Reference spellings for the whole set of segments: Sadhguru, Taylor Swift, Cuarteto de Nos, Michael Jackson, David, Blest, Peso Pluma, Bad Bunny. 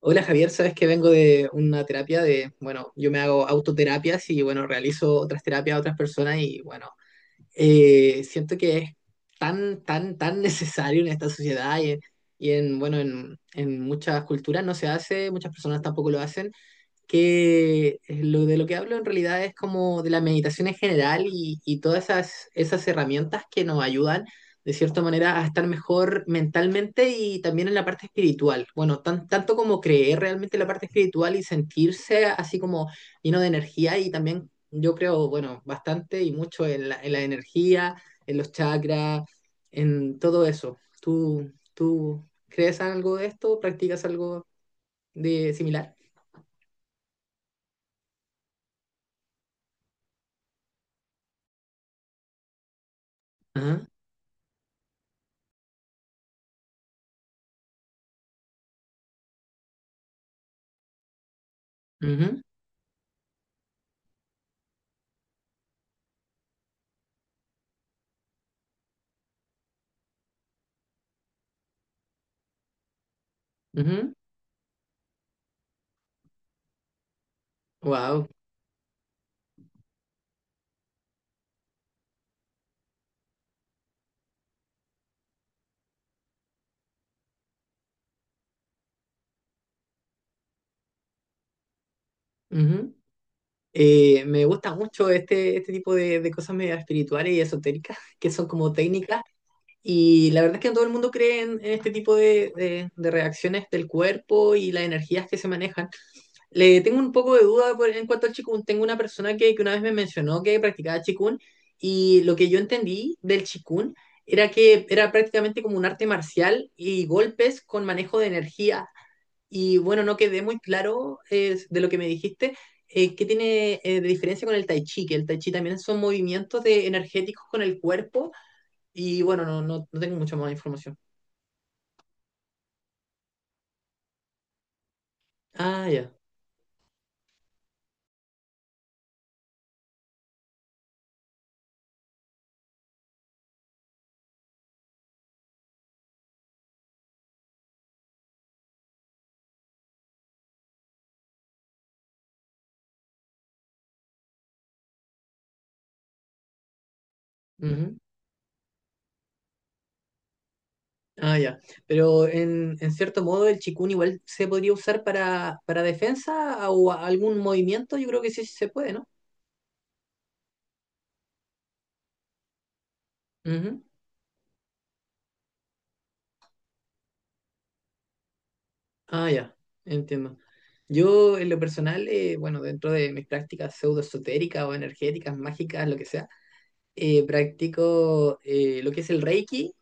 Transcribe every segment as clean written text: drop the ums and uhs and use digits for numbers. Hola Javier, sabes que vengo de una terapia de, bueno, yo me hago autoterapias y bueno, realizo otras terapias a otras personas y bueno, siento que es tan, tan, tan necesario en esta sociedad y en, bueno, en muchas culturas no se hace, muchas personas tampoco lo hacen que lo, de lo que hablo en realidad es como de la meditación en general y todas esas, esas herramientas que nos ayudan de cierta manera a estar mejor mentalmente y también en la parte espiritual. Bueno, tan, tanto como creer realmente en la parte espiritual y sentirse así como lleno de energía y también yo creo, bueno, bastante y mucho en la energía, en los chakras, en todo eso. ¿Tú, tú crees algo de esto? ¿Practicas algo de similar? Ajá. Ujú. Wow. Me gusta mucho este, este tipo de cosas medio espirituales y esotéricas, que son como técnicas. Y la verdad es que no todo el mundo cree en este tipo de, de reacciones del cuerpo y las energías que se manejan. Le tengo un poco de duda por- en cuanto al Qigong. Tengo una persona que una vez me mencionó que practicaba Qigong y lo que yo entendí del Qigong era que era prácticamente como un arte marcial y golpes con manejo de energía. Y bueno, no quedé muy claro de lo que me dijiste. ¿ ¿Qué tiene de diferencia con el tai chi? Que el tai chi también son movimientos de energéticos con el cuerpo. Y bueno, no tengo mucha más información. Ah, ya. Ujú. Ah, ya. Pero en cierto modo el chikun igual se podría usar para defensa o a- algún movimiento. Yo creo que sí, sí se puede, ¿no? Ujú. Ah, ya. Entiendo. Yo en lo personal, bueno, dentro de mis prácticas pseudoesotéricas o energéticas, mágicas, lo que sea, practico lo que es el Reiki,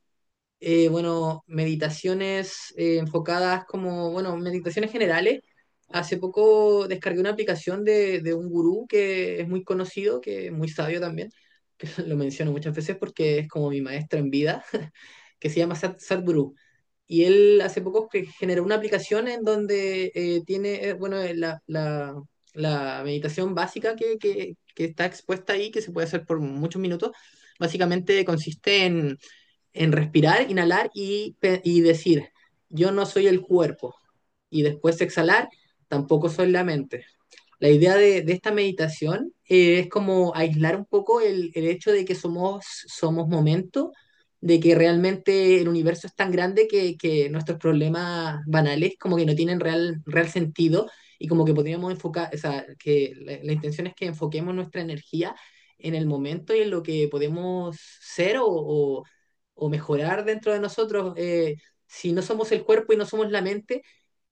bueno, meditaciones enfocadas como, bueno, meditaciones generales. Hace poco descargué una aplicación de un gurú que es muy conocido, que es muy sabio también, que lo menciono muchas veces porque es como mi maestro en vida, que se llama Sat, Sadhguru. Y él hace poco cre- generó una aplicación en donde tiene, bueno, la, la- la meditación básica que está expuesta ahí, que se puede hacer por muchos minutos, básicamente consiste en respirar, inhalar y decir, yo no soy el cuerpo. Y después exhalar, tampoco soy la mente. La idea de esta meditación es como aislar un poco el, hecho de que somos, somos momento, de que realmente el universo es tan grande que nuestros problemas banales como que no tienen real, real sentido y como que podríamos enfocar, o sea, que la, intención es que enfoquemos nuestra energía en el momento y en lo que podemos ser o, o mejorar dentro de nosotros. Si no somos el cuerpo y no somos la mente,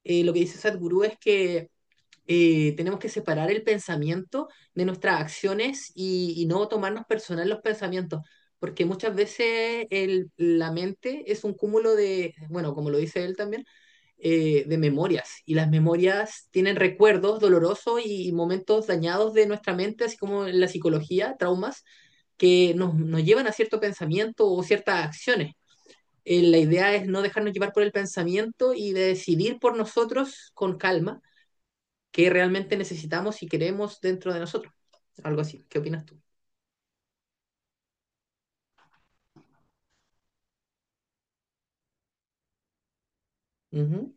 lo que dice Sadhguru es que tenemos que separar el pensamiento de nuestras acciones y no tomarnos personal los pensamientos, porque muchas veces el- la mente es un cúmulo de, bueno, como lo dice él también, de memorias, y las memorias tienen recuerdos dolorosos y momentos dañados de nuestra mente, así como en la psicología, traumas, que nos, nos llevan a cierto pensamiento o ciertas acciones. Eh, La idea es no dejarnos llevar por el pensamiento y de decidir por nosotros con calma qué realmente necesitamos y queremos dentro de nosotros. Algo así. ¿Qué opinas tú? Ujú,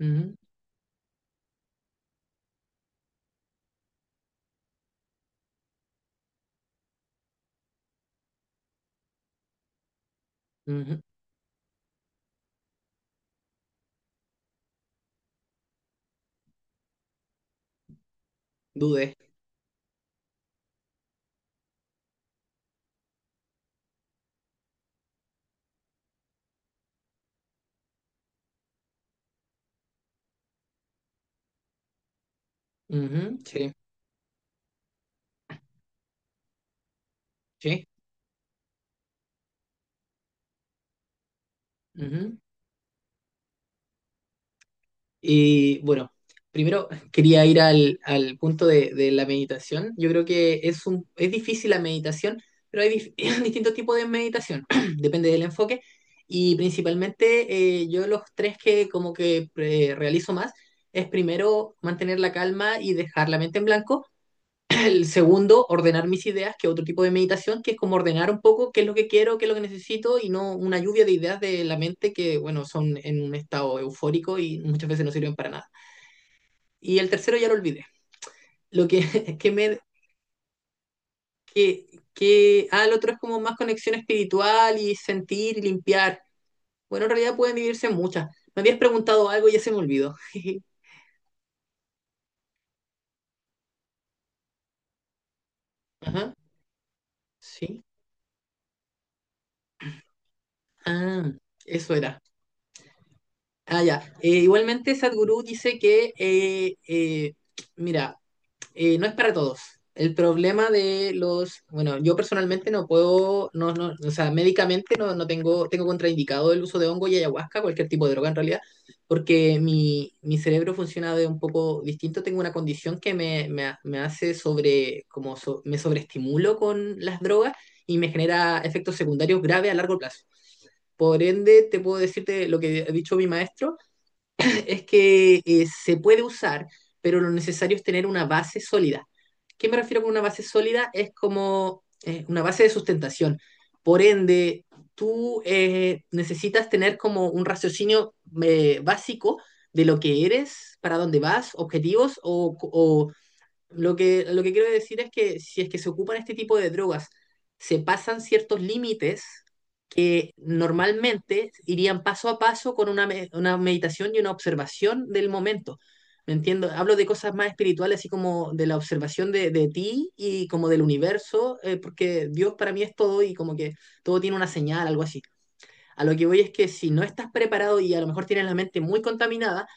ujú, ujú. Dudé. Ujú, sí, sí. Ujú. Y bueno, primero quería ir al, al punto de la meditación. Yo creo que es un, es difícil la meditación, pero hay dif- distintos tipos de meditación, depende del enfoque. Y principalmente yo los tres que como que realizo más es primero mantener la calma y dejar la mente en blanco. El segundo, ordenar mis ideas, que es otro tipo de meditación, que es como ordenar un poco qué es lo que quiero, qué es lo que necesito y no una lluvia de ideas de la mente que, bueno, son en un estado eufórico y muchas veces no sirven para nada. Y el tercero ya lo olvidé. Lo que, que me... Que, que, ah, el otro es como más conexión espiritual y sentir y limpiar. Bueno, en realidad pueden vivirse muchas. Me habías preguntado algo y ya se me olvidó. Ajá, sí. Ah, eso era. Ah, ya. Igualmente, Sadhguru dice que, mira, no es para todos. El problema de los, bueno, yo personalmente no puedo, o sea, médicamente no, tengo contraindicado el uso de hongo y ayahuasca, cualquier tipo de droga en realidad, porque mi cerebro funciona de un poco distinto. Tengo una condición que me hace sobre, como so- me sobreestimulo con las drogas y me genera efectos secundarios graves a largo plazo. Por ende, te puedo decirte lo que ha dicho mi maestro es que se puede usar, pero lo necesario es tener una base sólida. ¿Qué me refiero con una base sólida? Es como una base de sustentación. Por ende, tú necesitas tener como un raciocinio básico de lo que eres, para dónde vas, objetivos o lo que quiero decir es que si es que se ocupan este tipo de drogas, se pasan ciertos límites que normalmente irían paso a paso con una, me- una meditación y una observación del momento. ¿Me entiendo? Hablo de cosas más espirituales, así como de la observación de ti y como del universo, porque Dios para mí es todo y como que todo tiene una señal, algo así. A lo que voy es que si no estás preparado y a lo mejor tienes la mente muy contaminada,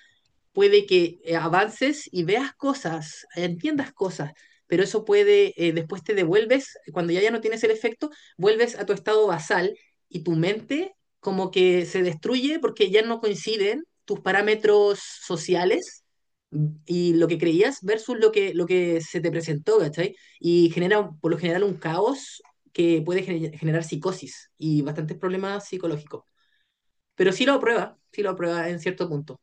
puede que avances y veas cosas, entiendas cosas, pero eso puede, después te devuelves, cuando ya, ya no tienes el efecto, vuelves a tu estado basal y tu mente como que se destruye porque ya no coinciden tus parámetros sociales y lo que creías versus lo que se te presentó, ¿cachai? Y genera un- por lo general un caos que puede gener- generar psicosis y bastantes problemas psicológicos. Pero sí lo aprueba en cierto punto.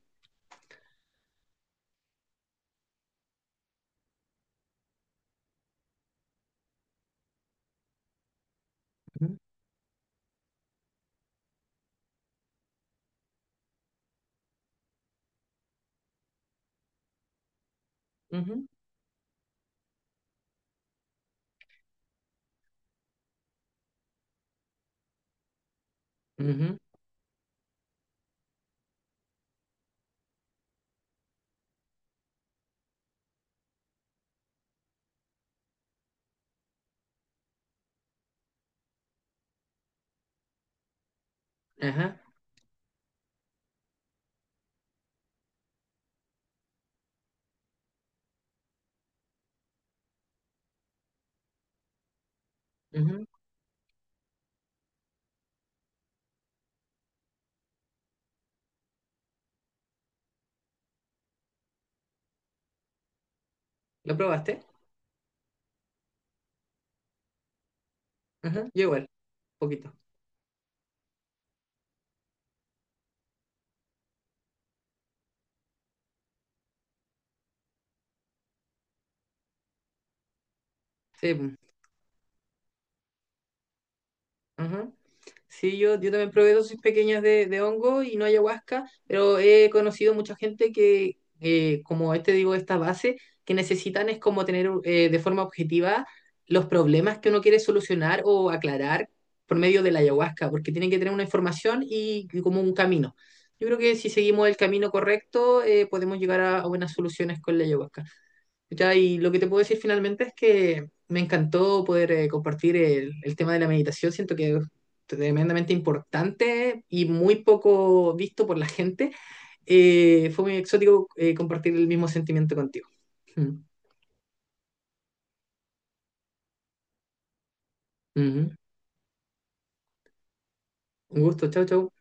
Ujú, ujú, ujú. Ajá, ujú. ¿Lo probaste? Ajá, yo igual, poquito. Sí, po. Ajá. Sí, yo también probé dosis pequeñas de hongo y no ayahuasca, pero he conocido mucha gente que, como este digo, esta base, que necesitan es como tener de forma objetiva los problemas que uno quiere solucionar o aclarar por medio de la ayahuasca, porque tienen que tener una información y como un camino. Yo creo que si seguimos el camino correcto, podemos llegar a buenas soluciones con la ayahuasca. Ya, y lo que te puedo decir finalmente es que me encantó poder compartir el tema de la meditación. Siento que es tremendamente importante y muy poco visto por la gente. Fue muy exótico compartir el mismo sentimiento contigo. Mm, ujú. Un gusto, chao, chao.